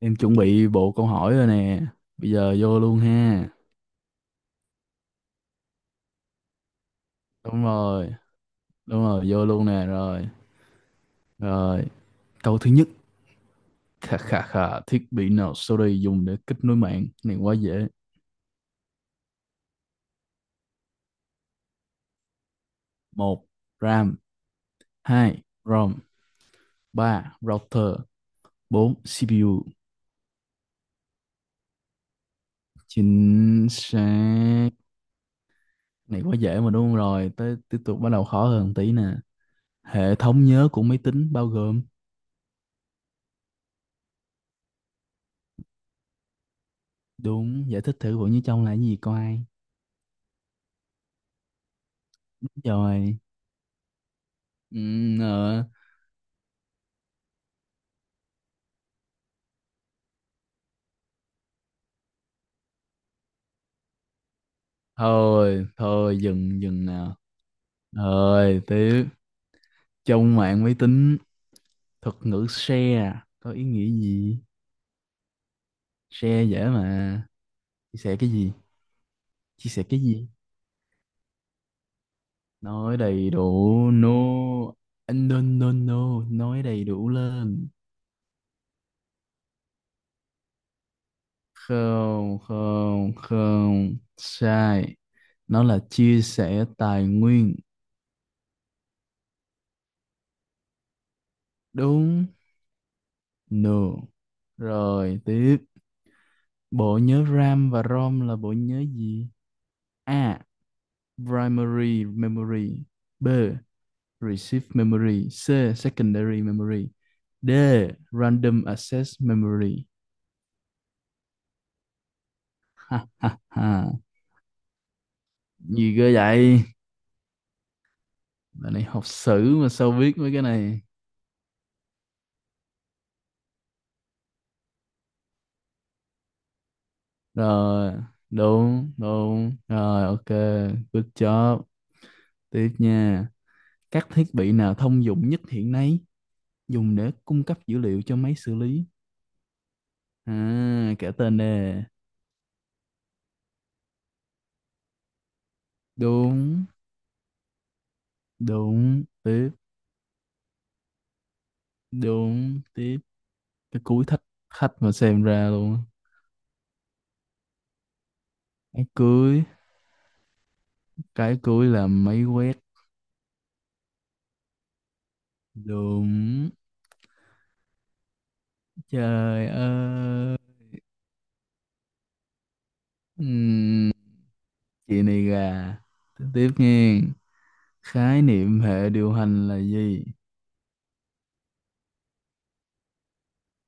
Em chuẩn bị bộ câu hỏi rồi nè. Bây giờ vô luôn ha. Đúng rồi. Đúng rồi, vô luôn nè rồi. Rồi, câu thứ nhất. Khà khà khà, thiết bị nào sau đây dùng để kết nối mạng? Này quá dễ. Một: RAM. Hai: ROM. Ba: Router. 4. CPU. Chính xác. Này quá dễ mà đúng không? Rồi, tới tiếp tục bắt đầu khó hơn tí nè. Hệ thống nhớ của máy tính bao gồm. Đúng, giải thích thử bộ như trong là cái gì coi. Rồi. Ừ, ờ. Thôi thôi, dừng dừng nào. Rồi tiếp. Trong mạng máy tính, thuật ngữ share có ý nghĩa gì? Share dễ mà. Chia sẻ cái gì? Chia sẻ cái gì? Nói đầy đủ, no. No no no, nói đầy đủ lên. Không không không, sai. Nó là chia sẻ tài nguyên. Đúng. No. Rồi tiếp. Bộ nhớ RAM và ROM là bộ nhớ gì? A. Primary memory. B. Receive memory. C. Secondary memory. D. Random access memory. Ha ha ha, gì cơ vậy? Bạn này học sử mà sao biết mấy cái này? Rồi, đúng đúng rồi, ok. Good job. Tiếp nha. Các thiết bị nào thông dụng nhất hiện nay dùng để cung cấp dữ liệu cho máy xử lý? À, kể tên nè. Đúng. Đúng tiếp. Đúng tiếp. Cái cuối thách, khách mà xem ra luôn. Cái cưới, cái cưới là máy quét. Đúng. Trời ơi. Ừm, chị này gà. Tiếp tiếp nghe. Khái niệm hệ điều hành là gì?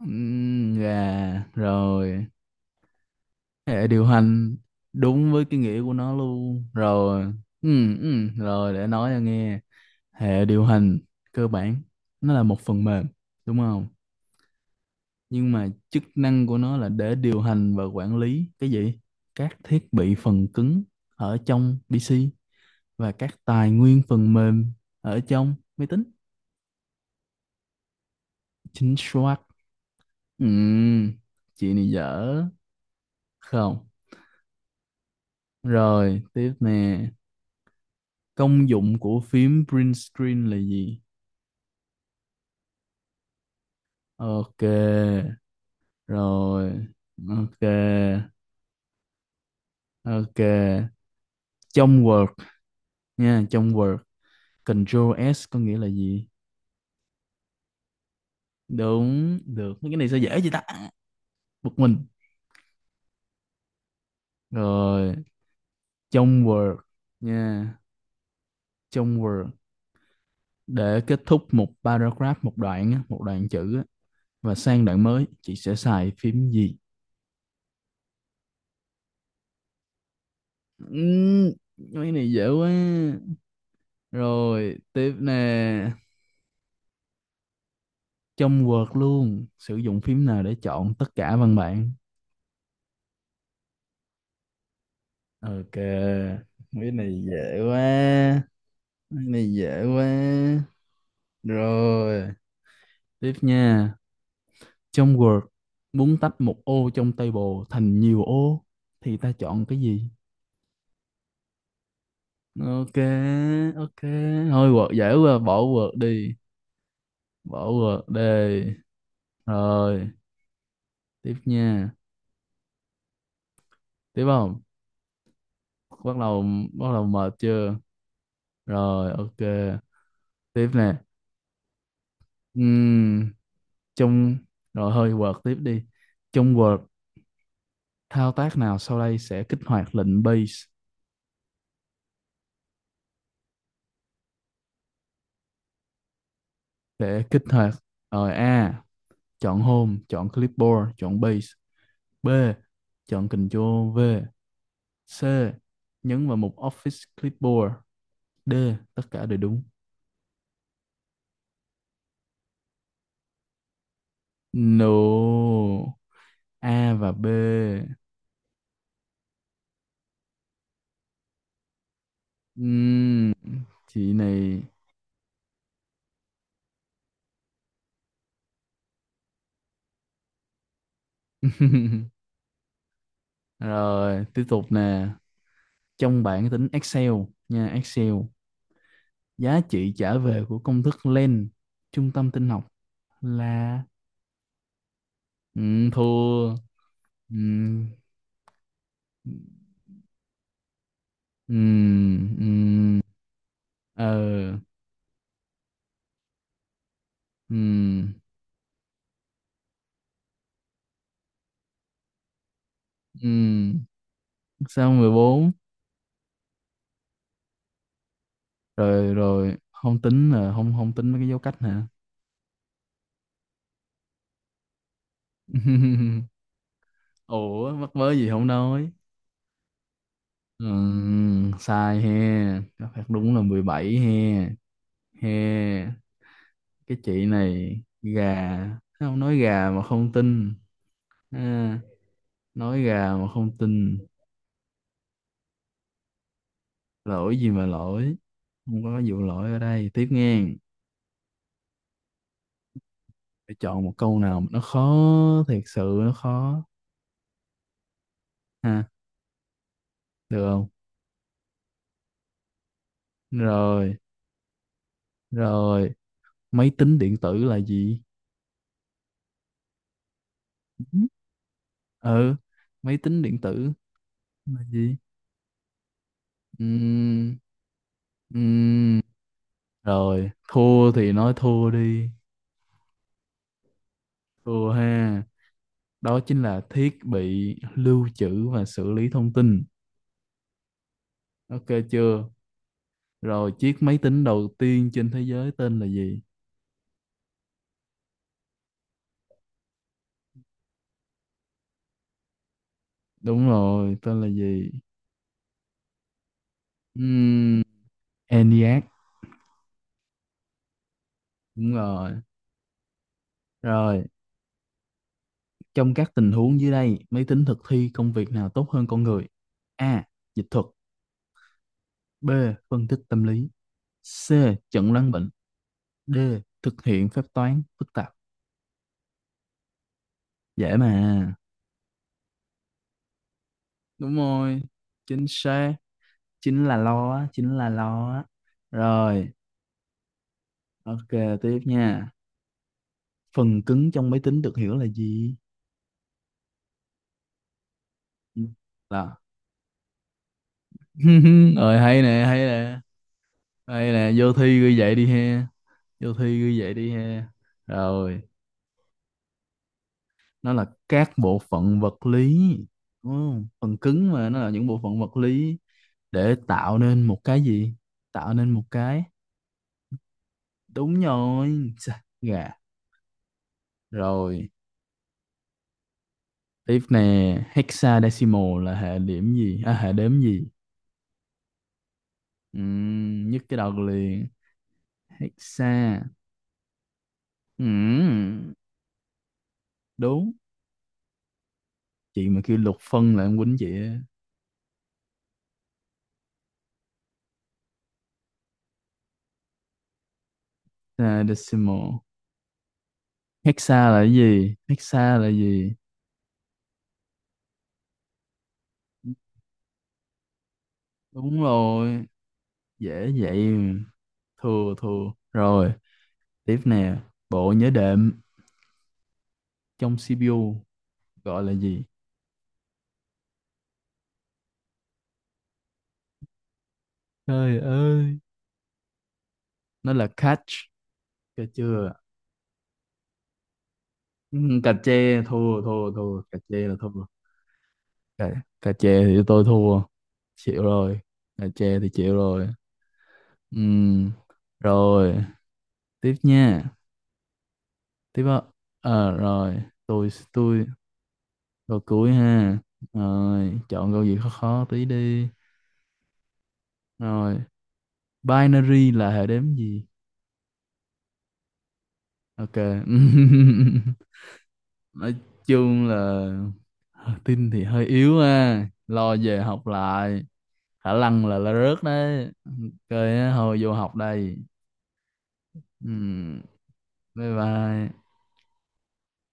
Gà rồi. Hệ điều hành đúng với cái nghĩa của nó luôn rồi. Rồi để nói cho nghe. Hệ điều hành cơ bản nó là một phần mềm, đúng không, nhưng mà chức năng của nó là để điều hành và quản lý cái gì? Các thiết bị phần cứng ở trong PC và các tài nguyên phần mềm ở trong máy tính. Chính xác. Ừm, chị này dở. Không. Rồi tiếp nè. Công dụng của phím print screen là gì? Ok. Rồi, ok. Ok, trong Word nha, trong Word, Control S có nghĩa là gì? Đúng. Được mấy cái này sao dễ vậy ta? Bực mình. Rồi trong Word nha, trong Word, để kết thúc một paragraph, một đoạn á, một đoạn chữ á, và sang đoạn mới chị sẽ xài phím gì? Ừm, mấy này dễ quá. Rồi tiếp nè. Trong Word luôn, sử dụng phím nào để chọn tất cả văn bản? Ok, mấy này dễ quá, mấy này dễ quá. Rồi tiếp nha. Trong Word, muốn tách một ô trong table thành nhiều ô thì ta chọn cái gì? Ok, ok. Thôi Word dễ quá, bỏ Word đi. Bỏ Word đi. Rồi, tiếp nha. Tiếp không? Bắt đầu, bắt đầu mệt chưa? Rồi, ok. Tiếp nè. Ừm, trong rồi hơi Word tiếp đi. Trong Word, thao tác nào sau đây sẽ kích hoạt lệnh base? Để kích hoạt, rồi. A. Chọn home, chọn clipboard, chọn base. B. Chọn Ctrl V. C. Nhấn vào mục Office Clipboard. D. Tất cả đều đúng. No. A và B. Ừm, chị này. Rồi, tiếp tục nè. Trong bảng tính Excel nha, Excel. Giá trị trả về của công thức len trung tâm tin học là. Thua. Ừm, ừm, ừm, ờ, ừm, ừm. Sao 14? Rồi rồi, không tính là không, không tính mấy cái dấu cách hả? ủa mắc mớ gì không nói. Sai he. Đáp án đúng là 17 he. He. Cái chị này gà sao nói gà mà không tin? Ha, nói gà mà không tin. Lỗi gì mà lỗi, không có vụ lỗi ở đây, tiếp nghe. Phải chọn một câu nào mà nó khó, thiệt sự nó khó. Ha, được không? Rồi, rồi, máy tính điện tử là gì? Ừ, máy tính điện tử là gì? Ừm, ừm, rồi thua thì nói thua đi. Thua ha. Đó chính là thiết bị lưu trữ và xử lý thông tin. Ok. Chưa? Rồi, chiếc máy tính đầu tiên trên thế giới tên là gì? Đúng rồi, tên là gì? Ừm, ENIAC. Đúng rồi. Rồi, trong các tình huống dưới đây, máy tính thực thi công việc nào tốt hơn con người? A. Dịch thuật. B. Phân tích tâm lý. C. Chẩn đoán bệnh. D. Thực hiện phép toán phức tạp. Dễ mà. Đúng rồi, chính xác. Chính là lo, á, chính là lo á. Rồi, ok, tiếp nha. Phần cứng trong máy tính được hiểu là gì? Ừ, là. Rồi hay nè, hay nè. Hay nè, vô thi ghi vậy đi he. Vô thi ghi vậy đi he. Rồi, nó là các bộ phận vật lý, đúng không? Phần cứng mà, nó là những bộ phận vật lý để tạo nên một cái gì, tạo nên một cái. Đúng rồi. Chà, gà. Rồi tiếp nè, hexadecimal là hệ điểm gì, à, hệ đếm gì? Nhức cái đầu liền. Hexa. Ừm, đúng. Chị mà kêu lục phân là em quýnh chị á. Hexadecimal. Hexa là cái gì? Hexa là gì? Đúng rồi. Dễ vậy mà. Thua thua rồi. Tiếp nè, bộ nhớ đệm trong CPU gọi là gì? Trời ơi, nó là cache. Cà chưa? Ừ, cà chê. Thua thua thua, cà chê là thua. Cà, cà chê thì tôi thua. Chịu rồi. Cà chê thì chịu rồi. Ừm, rồi tiếp nha. Tiếp á. Rồi tôi câu cuối ha. Rồi chọn câu gì khó khó tí đi. Rồi, binary là hệ đếm gì? Ok. Nói chung là tin thì hơi yếu ha. Lo về học lại. Khả năng là rớt đấy. Ok, á, thôi vô học đây. Ừ. Bye bye.